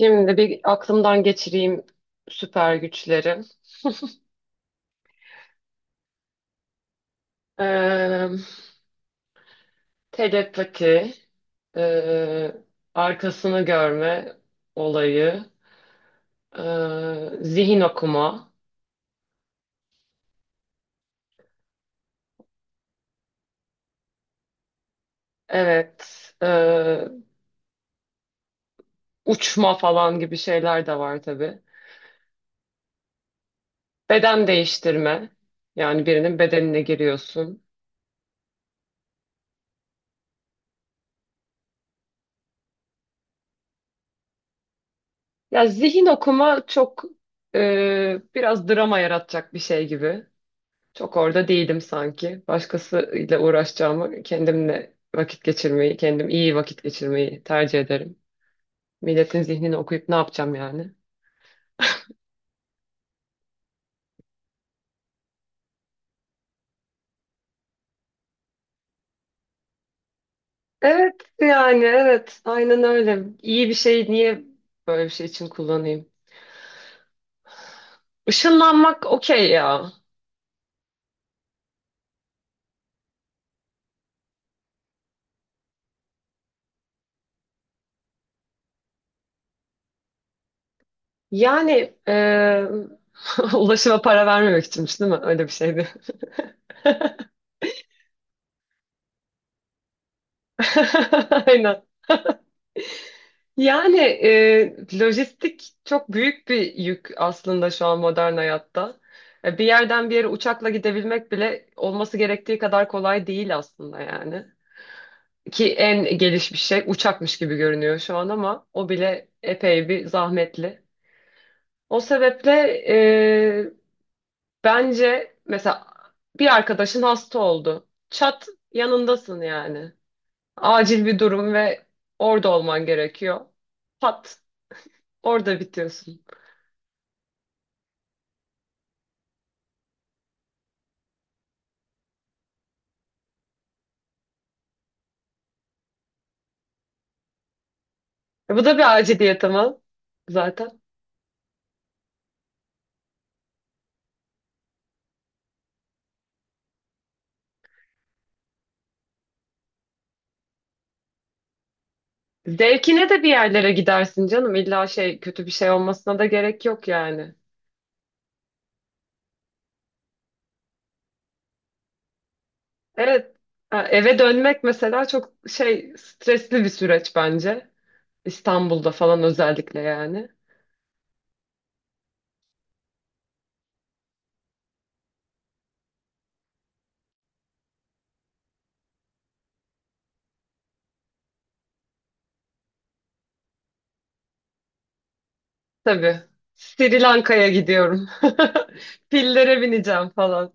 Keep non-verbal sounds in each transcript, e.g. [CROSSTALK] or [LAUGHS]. Şimdi bir aklımdan geçireyim süper güçleri. Ee, Telepati, ee, arkasını görme olayı, zihin okuma, evet, uçma falan gibi şeyler de var tabii. Beden değiştirme, yani birinin bedenine giriyorsun. Ya zihin okuma çok biraz drama yaratacak bir şey gibi. Çok orada değilim sanki. Başkasıyla uğraşacağımı kendimle vakit geçirmeyi, kendim iyi vakit geçirmeyi tercih ederim. Milletin zihnini okuyup ne yapacağım yani? Evet, yani evet aynen öyle. İyi bir şey niye böyle bir şey için kullanayım? Işınlanmak okey ya. Yani [LAUGHS] ulaşıma para vermemek içinmiş değil mi? Öyle bir şeydi. [LAUGHS] Aynen. Yani lojistik çok büyük bir yük aslında şu an modern hayatta. Bir yerden bir yere uçakla gidebilmek bile olması gerektiği kadar kolay değil aslında yani. Ki en gelişmiş şey uçakmış gibi görünüyor şu an ama o bile epey bir zahmetli. O sebeple e, bence mesela bir arkadaşın hasta oldu. Çat yanındasın yani. Acil bir durum ve orada olman gerekiyor. Pat orada bitiyorsun. Bu da bir aciliyet ama zaten. Zevkine de bir yerlere gidersin canım. İlla şey kötü bir şey olmasına da gerek yok yani. Evet. Ha, eve dönmek mesela çok şey stresli bir süreç bence. İstanbul'da falan özellikle yani. Tabii. Sri Lanka'ya gidiyorum. [LAUGHS] Pillere bineceğim falan.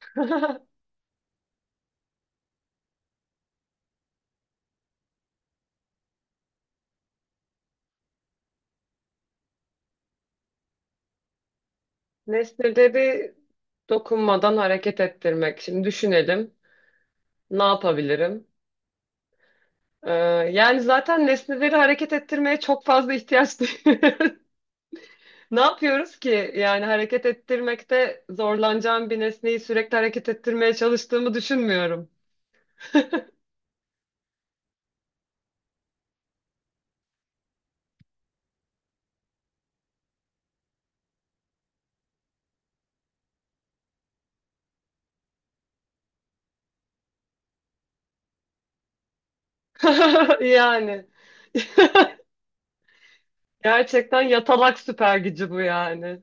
[LAUGHS] Nesneleri dokunmadan hareket ettirmek. Şimdi düşünelim. Ne yapabilirim? Ee, Yani zaten nesneleri hareket ettirmeye çok fazla ihtiyaç duyuyoruz. [LAUGHS] Ne yapıyoruz ki? Yani hareket ettirmekte zorlanacağım bir nesneyi sürekli hareket ettirmeye çalıştığımı düşünmüyorum. [LAUGHS] Yani gerçekten yatalak süper gücü bu yani.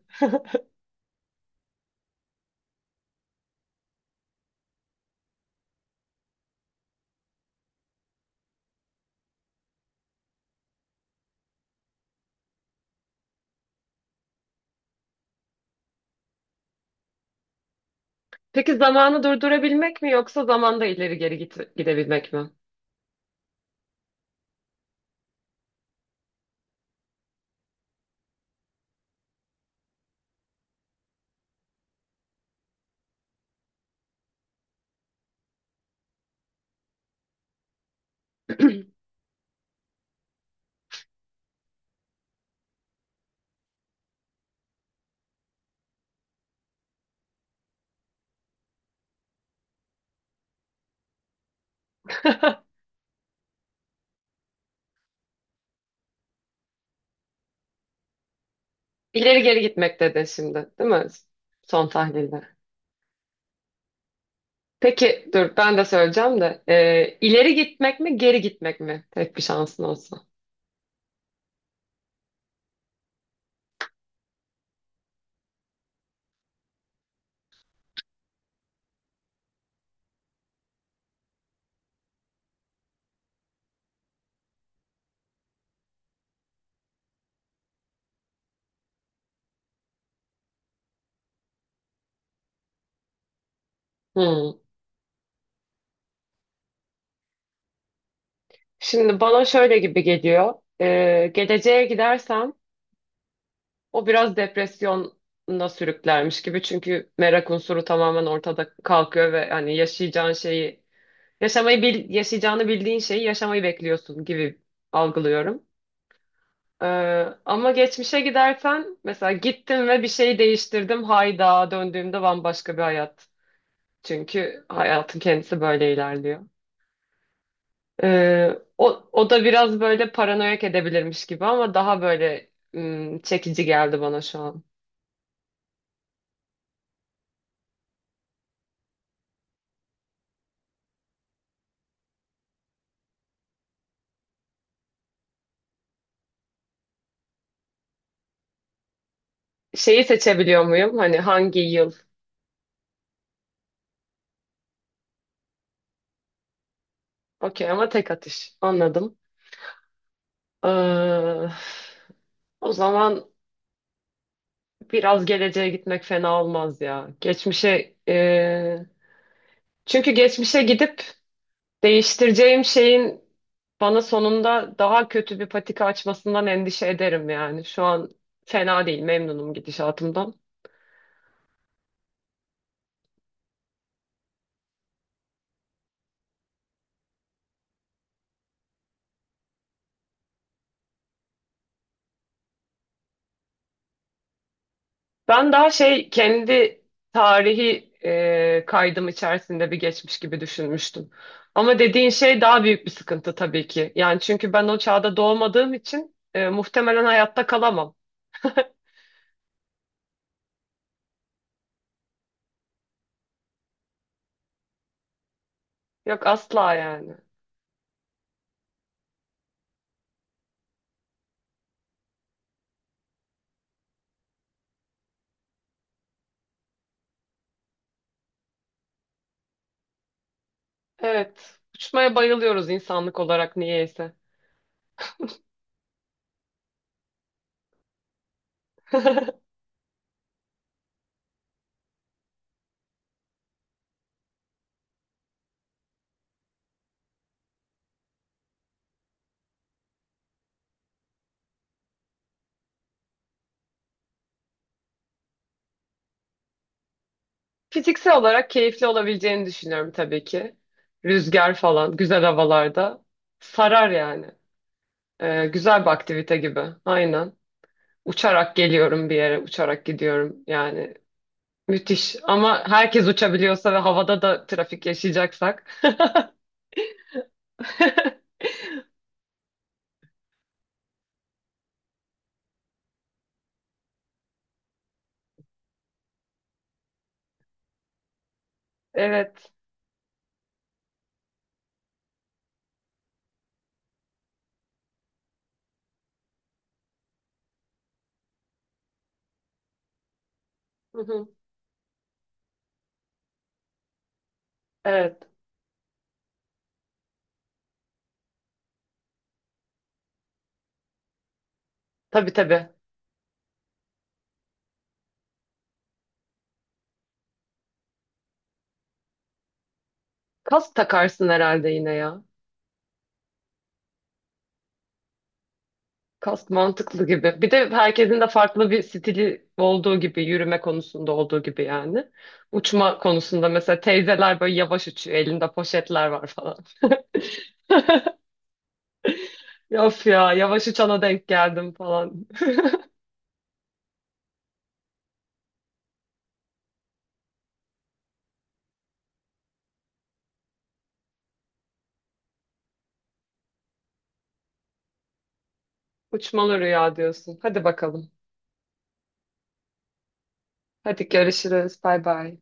Peki zamanı durdurabilmek mi yoksa zamanda ileri geri gidebilmek mi? [CLEARS THROAT] İleri geri gitmek dedin şimdi, değil mi? Son tahlilde. Peki dur ben de söyleyeceğim de. İleri gitmek mi geri gitmek mi? Tek bir şansın olsa. Hmm. Şimdi bana şöyle gibi geliyor. Geleceğe gidersem o biraz depresyona sürüklermiş gibi. Çünkü merak unsuru tamamen ortada kalkıyor ve hani yaşayacağın şeyi yaşamayı yaşayacağını bildiğin şeyi yaşamayı bekliyorsun gibi algılıyorum. Ee, Ama geçmişe gidersen mesela gittim ve bir şey değiştirdim. Hayda döndüğümde bambaşka bir hayat. Çünkü hayatın kendisi böyle ilerliyor. O da biraz böyle paranoyak edebilirmiş gibi ama daha böyle çekici geldi bana şu an. Şeyi seçebiliyor muyum? Hani hangi yıl? Okey ama tek atış. Anladım. Ee, O zaman biraz geleceğe gitmek fena olmaz ya. Geçmişe çünkü geçmişe gidip değiştireceğim şeyin bana sonunda daha kötü bir patika açmasından endişe ederim yani. Şu an fena değil, memnunum gidişatımdan. Ben daha şey kendi tarihi kaydım içerisinde bir geçmiş gibi düşünmüştüm. Ama dediğin şey daha büyük bir sıkıntı tabii ki. Yani çünkü ben o çağda doğmadığım için muhtemelen hayatta kalamam. Yok asla yani. Evet, uçmaya bayılıyoruz insanlık olarak niyeyse. [LAUGHS] Fiziksel olarak keyifli olabileceğini düşünüyorum tabii ki. Rüzgar falan, güzel havalarda sarar yani. Güzel bir aktivite gibi. Aynen. Uçarak geliyorum bir yere, uçarak gidiyorum. Yani müthiş. Ama herkes uçabiliyorsa ve havada da trafik yaşayacaksak. [LAUGHS] Evet. Hı hı. Evet. Tabii tabii. Kask takarsın herhalde yine ya. Kast mantıklı gibi. Bir de herkesin de farklı bir stili olduğu gibi, yürüme konusunda olduğu gibi yani. Uçma konusunda mesela teyzeler böyle yavaş uçuyor, elinde poşetler var falan. [LAUGHS] Ya of ya, yavaş uçana denk geldim falan. [LAUGHS] Uçmalı rüya diyorsun. Hadi bakalım. Hadi görüşürüz. Bay bay.